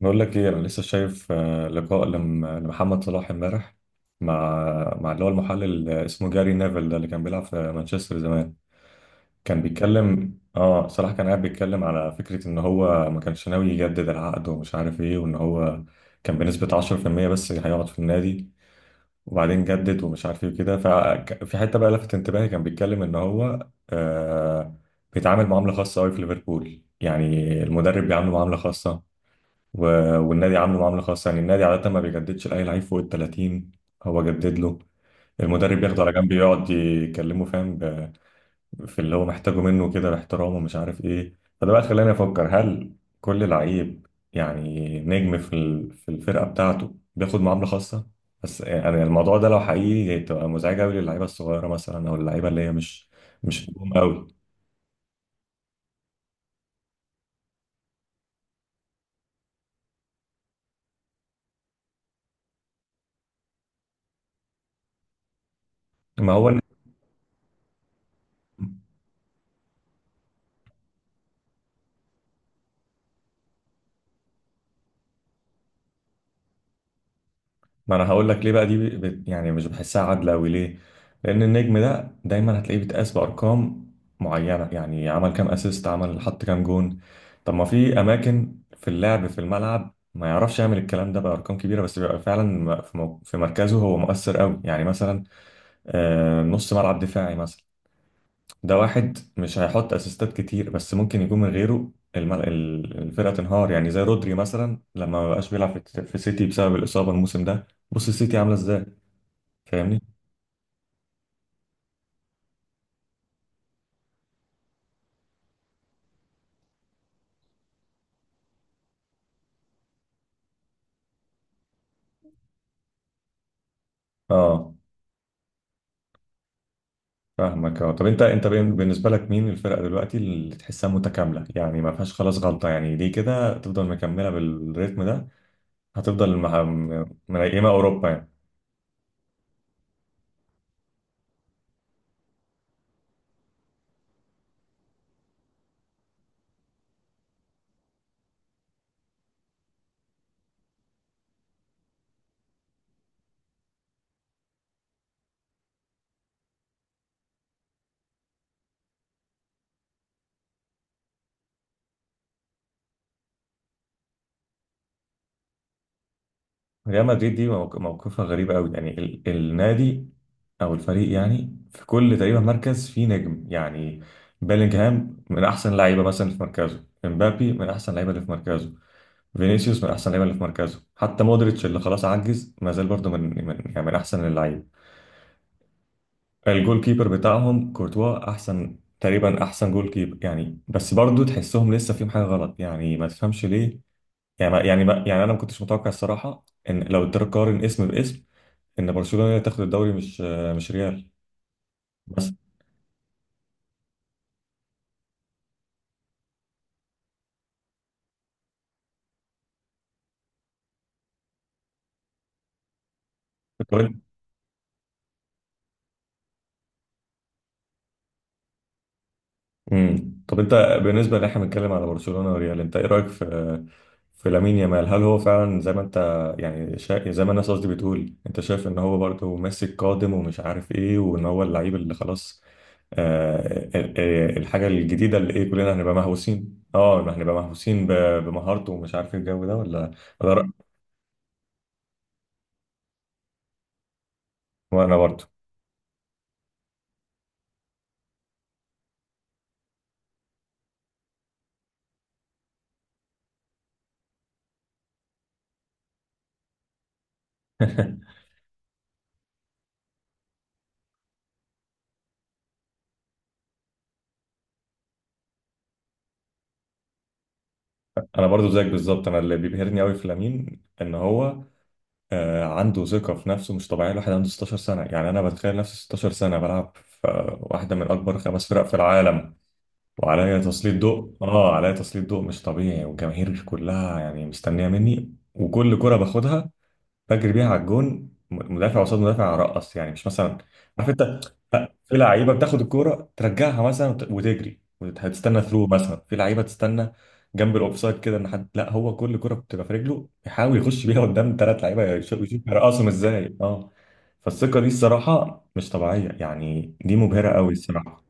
بقول لك ايه، انا لسه شايف لقاء لمحمد صلاح امبارح مع مع اللي هو المحلل اللي اسمه جاري نيفل، ده اللي كان بيلعب في مانشستر زمان. كان بيتكلم، صلاح كان قاعد بيتكلم على فكرة ان هو ما كانش ناوي يجدد العقد ومش عارف ايه، وان هو كان بنسبة 10% بس هيقعد في النادي، وبعدين جدد ومش عارف ايه وكده. ففي حتة بقى لفت انتباهي، كان بيتكلم ان هو بيتعامل معاملة خاصة قوي في ليفربول يعني. المدرب بيعامله معاملة خاصة و... والنادي عامله معامله خاصه، يعني النادي عاده ما بيجددش لاي لعيب فوق ال 30. هو جدد له، المدرب ياخده على جنب يقعد يكلمه فاهم، في اللي هو محتاجه منه كده باحترام ومش عارف ايه. فده بقى خلاني افكر، هل كل لعيب يعني نجم في في الفرقه بتاعته بياخد معامله خاصه؟ بس يعني الموضوع ده لو حقيقي تبقى مزعجه قوي للعيبه الصغيره مثلا، او اللعيبه اللي هي مش نجوم قوي. ما هو، ما انا هقول لك ليه بقى دي، بت يعني مش بحسها عادله قوي ليه. لان النجم ده دايما هتلاقيه بيتقاس بارقام معينه، يعني عمل كام اسيست، عمل حط كام جون. طب ما في اماكن في اللعب في الملعب ما يعرفش يعمل الكلام ده بارقام كبيره، بس بيبقى فعلا في في مركزه هو مؤثر قوي، يعني مثلا نص ملعب دفاعي مثلا. ده واحد مش هيحط اسيستات كتير، بس ممكن يكون من غيره الفرقه تنهار، يعني زي رودري مثلا لما ما بقاش بيلعب في سيتي بسبب الاصابه الموسم ده، بص السيتي عامله ازاي. فاهمني. اه فاهمك، اه. طب انت، بالنسبه لك مين الفرقه دلوقتي اللي تحسها متكامله، يعني ما فيهاش خلاص غلطه، يعني دي كده تفضل مكمله بالريتم ده؟ هتفضل مع منيمه اوروبا يعني. ريال مدريد دي موقفها غريب قوي يعني، النادي او الفريق، يعني في كل تقريبا مركز فيه نجم يعني. بيلينغهام من احسن اللعيبه مثلا اللي في مركزه، امبابي من احسن اللعيبه اللي في مركزه، فينيسيوس من احسن اللعيبه اللي في مركزه، حتى مودريتش اللي خلاص عجز ما زال برضه من يعني من احسن اللعيبه. الجول كيبر بتاعهم كورتوا احسن تقريبا، احسن جول كيبر يعني. بس برضو تحسهم لسه فيهم حاجه غلط، يعني ما تفهمش ليه. يعني ما يعني ما يعني انا ما كنتش متوقع الصراحه، ان لو تقارن اسم باسم، ان برشلونه هي اللي تاخد الدوري، مش ريال. بس امم، طب انت بالنسبه اللي احنا بنتكلم على برشلونه وريال، انت ايه رايك في لامين يامال؟ هل هو فعلا زي ما انت يعني زي ما الناس، قصدي بتقول، انت شايف ان هو برضه ماسك قادم ومش عارف ايه، وان هو اللعيب اللي خلاص الحاجه الجديده اللي ايه كلنا هنبقى مهووسين، اه هنبقى مهووسين بمهارته، ومش عارف ايه الجو ده، ولا؟ ولا رأيك؟ وانا برضه. انا برضو زيك بالظبط. انا اللي بيبهرني قوي في لامين ان هو عنده ثقة في نفسه مش طبيعية. الواحد عنده 16 سنة يعني، أنا بتخيل نفسي 16 سنة بلعب في واحدة من أكبر خمس فرق في العالم، وعليا تسليط ضوء، عليا تسليط ضوء مش طبيعي، والجماهير كلها يعني مستنية مني، وكل كرة باخدها بجري بيها على الجون، مدافع قصاد مدافع ارقص، يعني مش مثلا، عارف أنت، في لعيبه بتاخد الكوره ترجعها مثلا وتجري وهتستنى ثرو مثلا، في لعيبه تستنى جنب الاوفسايد كده، ان حد، لا هو كل كره بتبقى في رجله يحاول يخش بيها قدام ثلاث لعيبه يشوف يرقصهم ازاي، اه. فالثقه دي الصراحه مش طبيعيه، يعني دي مبهره قوي الصراحه.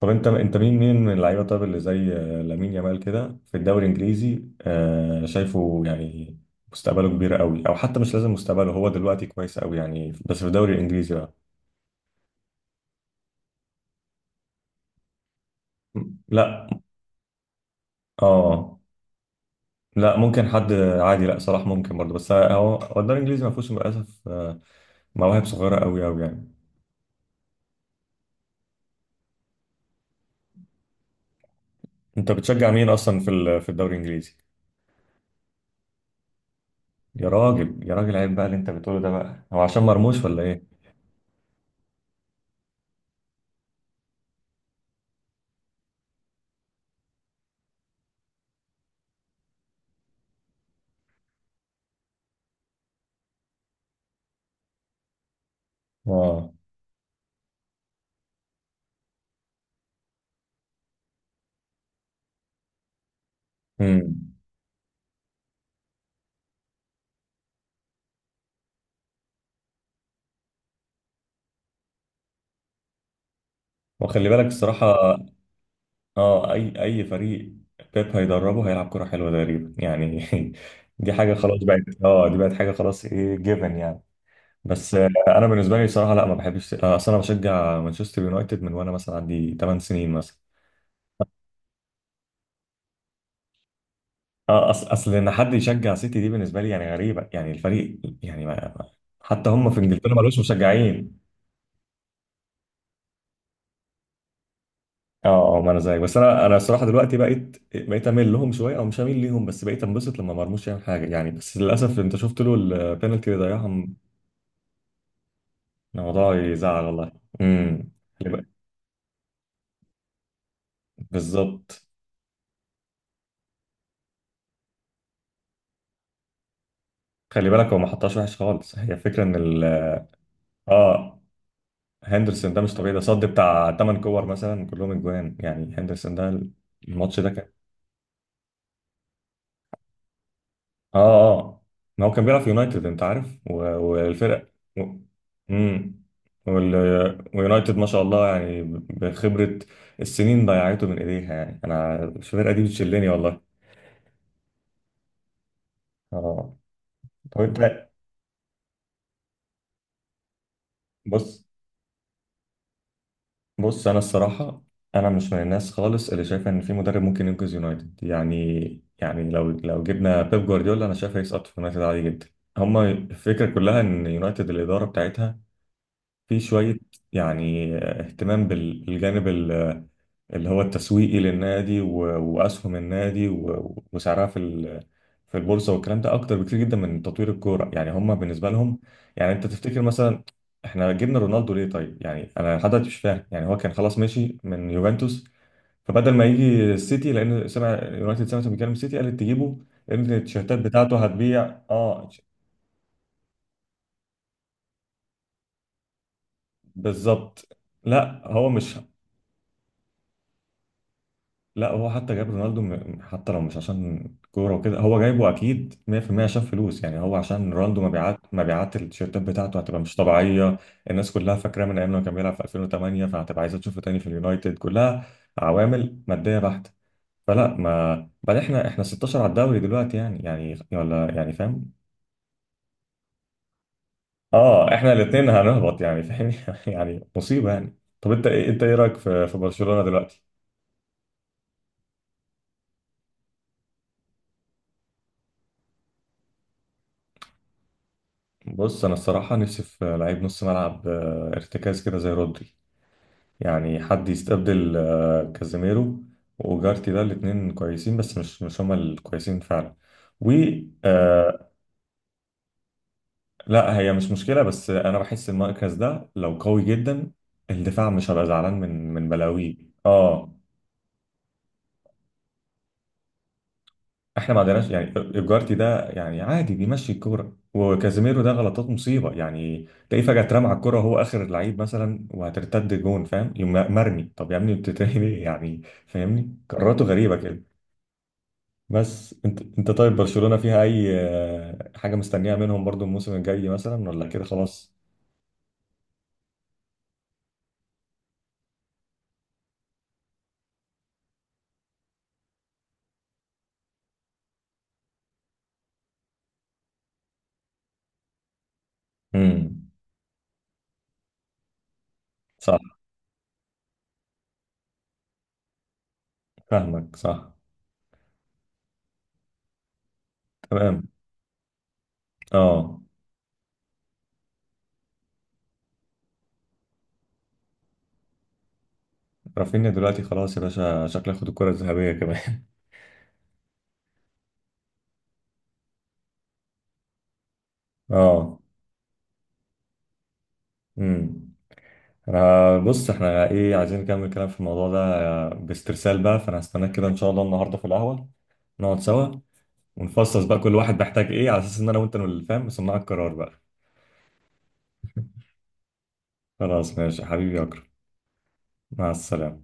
طب انت مين من اللعيبه طب اللي زي لامين يامال كده في الدوري الانجليزي شايفه يعني مستقبله كبير قوي، او حتى مش لازم مستقبله، هو دلوقتي كويس قوي يعني، بس في الدوري الانجليزي بقى؟ لا، اه، لا، ممكن حد عادي، لا صلاح ممكن برضه، بس هو، هو الدوري الانجليزي ما فيهوش للاسف مواهب صغيره قوي قوي يعني. انت بتشجع مين اصلا في الدوري الانجليزي؟ يا راجل يا راجل، عيب بقى اللي انت بتقوله ده بقى، هو عشان مرموش ولا ايه؟ اه. امم. وخلي بالك الصراحه، اه، اي اي فريق بيب هيدربه هيلعب كره حلوه تقريبا يعني. دي حاجه خلاص بقت، اه دي بقت حاجه خلاص ايه، جيفن يعني. بس انا بالنسبه لي صراحه لا، ما بحبش، اصل انا بشجع مانشستر يونايتد من وانا مثلا عندي 8 سنين مثلا. اه اصل، ان حد يشجع سيتي دي بالنسبه لي يعني غريبه يعني، الفريق يعني ما حتى هم في انجلترا ما لهمش مشجعين. اه اه، ما انا زيك. بس انا الصراحه دلوقتي بقيت، اميل لهم شويه، او مش اميل ليهم بس بقيت انبسط لما مرموش يعمل حاجه يعني. بس للاسف انت شفت له البينالتي اللي ضيعها، الموضوع يزعل والله. امم. خلي بالك. بالظبط. خلي بالك، هو ما حطهاش وحش خالص، هي الفكره ان ال، اه. هندرسون ده مش طبيعي، ده صد بتاع 8 كور مثلا كلهم اجوان يعني، هندرسون ده الماتش ده. اه اه، ما هو كان بيلعب في يونايتد انت عارف والفرق و... امم وال... ويونايتد ما شاء الله يعني، بخبرة السنين ضيعته من ايديها يعني، انا الفرقة دي بتشلني والله. اه. طب انت، بص. انا الصراحة، انا مش من الناس خالص اللي شايفة ان في مدرب ممكن ينقذ يونايتد يعني. يعني لو جبنا بيب جوارديولا، انا شايف هيسقط في يونايتد عادي جدا. هما الفكرة كلها ان يونايتد، الإدارة بتاعتها في شوية يعني اهتمام بالجانب اللي هو التسويقي للنادي، وأسهم النادي، وسعرها في البورصة، والكلام ده أكتر بكتير جدا من تطوير الكورة يعني. هم بالنسبة لهم يعني، أنت تفتكر مثلا إحنا جبنا رونالدو ليه طيب يعني؟ أنا لحد دلوقتي مش فاهم يعني، هو كان خلاص مشي من يوفنتوس، فبدل ما يجي السيتي، لأن سمع يونايتد، سمعت بيتكلم السيتي، قالت تجيبه لأن التيشيرتات بتاعته هتبيع. أه. بالظبط. لا هو مش، لا هو حتى جاب رونالدو، حتى لو مش عشان كورة وكده، هو جايبه أكيد 100% عشان فلوس يعني. هو عشان رونالدو، مبيعات، التيشيرتات بتاعته هتبقى مش طبيعية. الناس كلها فاكراه من أيام لما كان بيلعب في 2008، فهتبقى عايزة تشوفه تاني في اليونايتد، كلها عوامل مادية بحتة. فلا، ما بعد، احنا 16 على الدوري دلوقتي يعني، يعني ولا يعني، فاهم؟ اه احنا الاتنين هنهبط يعني فاهم. يعني مصيبة يعني. طب انت ايه، انت ايه رأيك في برشلونة دلوقتي؟ بص انا الصراحه نفسي في لعيب نص ملعب ارتكاز كده زي رودري، يعني حد يستبدل كازيميرو وجارتي، ده الاتنين كويسين بس مش هما الكويسين فعلا. و آه، لا هي مش مشكله، بس انا بحس المركز ده لو قوي جدا الدفاع مش هبقى زعلان من بلاوي. اه، احنا ما عندناش يعني. الجارتي ده يعني عادي بيمشي الكوره، وكازيميرو ده غلطات مصيبه يعني، تلاقيه فجاه اترمى على الكوره وهو اخر اللعيب مثلا وهترتد جون فاهم، يقوم مرمي، طب يا ابني بتتهني ليه يعني؟ فاهمني، قراراته غريبه كده. بس انت، طيب برشلونه فيها اي حاجه مستنيها منهم برضو الموسم الجاي مثلا ولا كده خلاص؟ امم. صح. فاهمك صح. تمام. اه. رافينيا دلوقتي خلاص يا باشا، شكله ياخد الكره الذهبيه كمان. اه. امم. أنا بص، احنا ايه عايزين نكمل كلام في الموضوع ده باسترسال بقى، فانا هستناك كده ان شاء الله النهارده في القهوه، نقعد سوا ونفصص بقى كل واحد محتاج ايه، على اساس ان انا وانت اللي فاهم صناع القرار بقى. خلاص ماشي يا حبيبي يا اكرم. مع السلامه.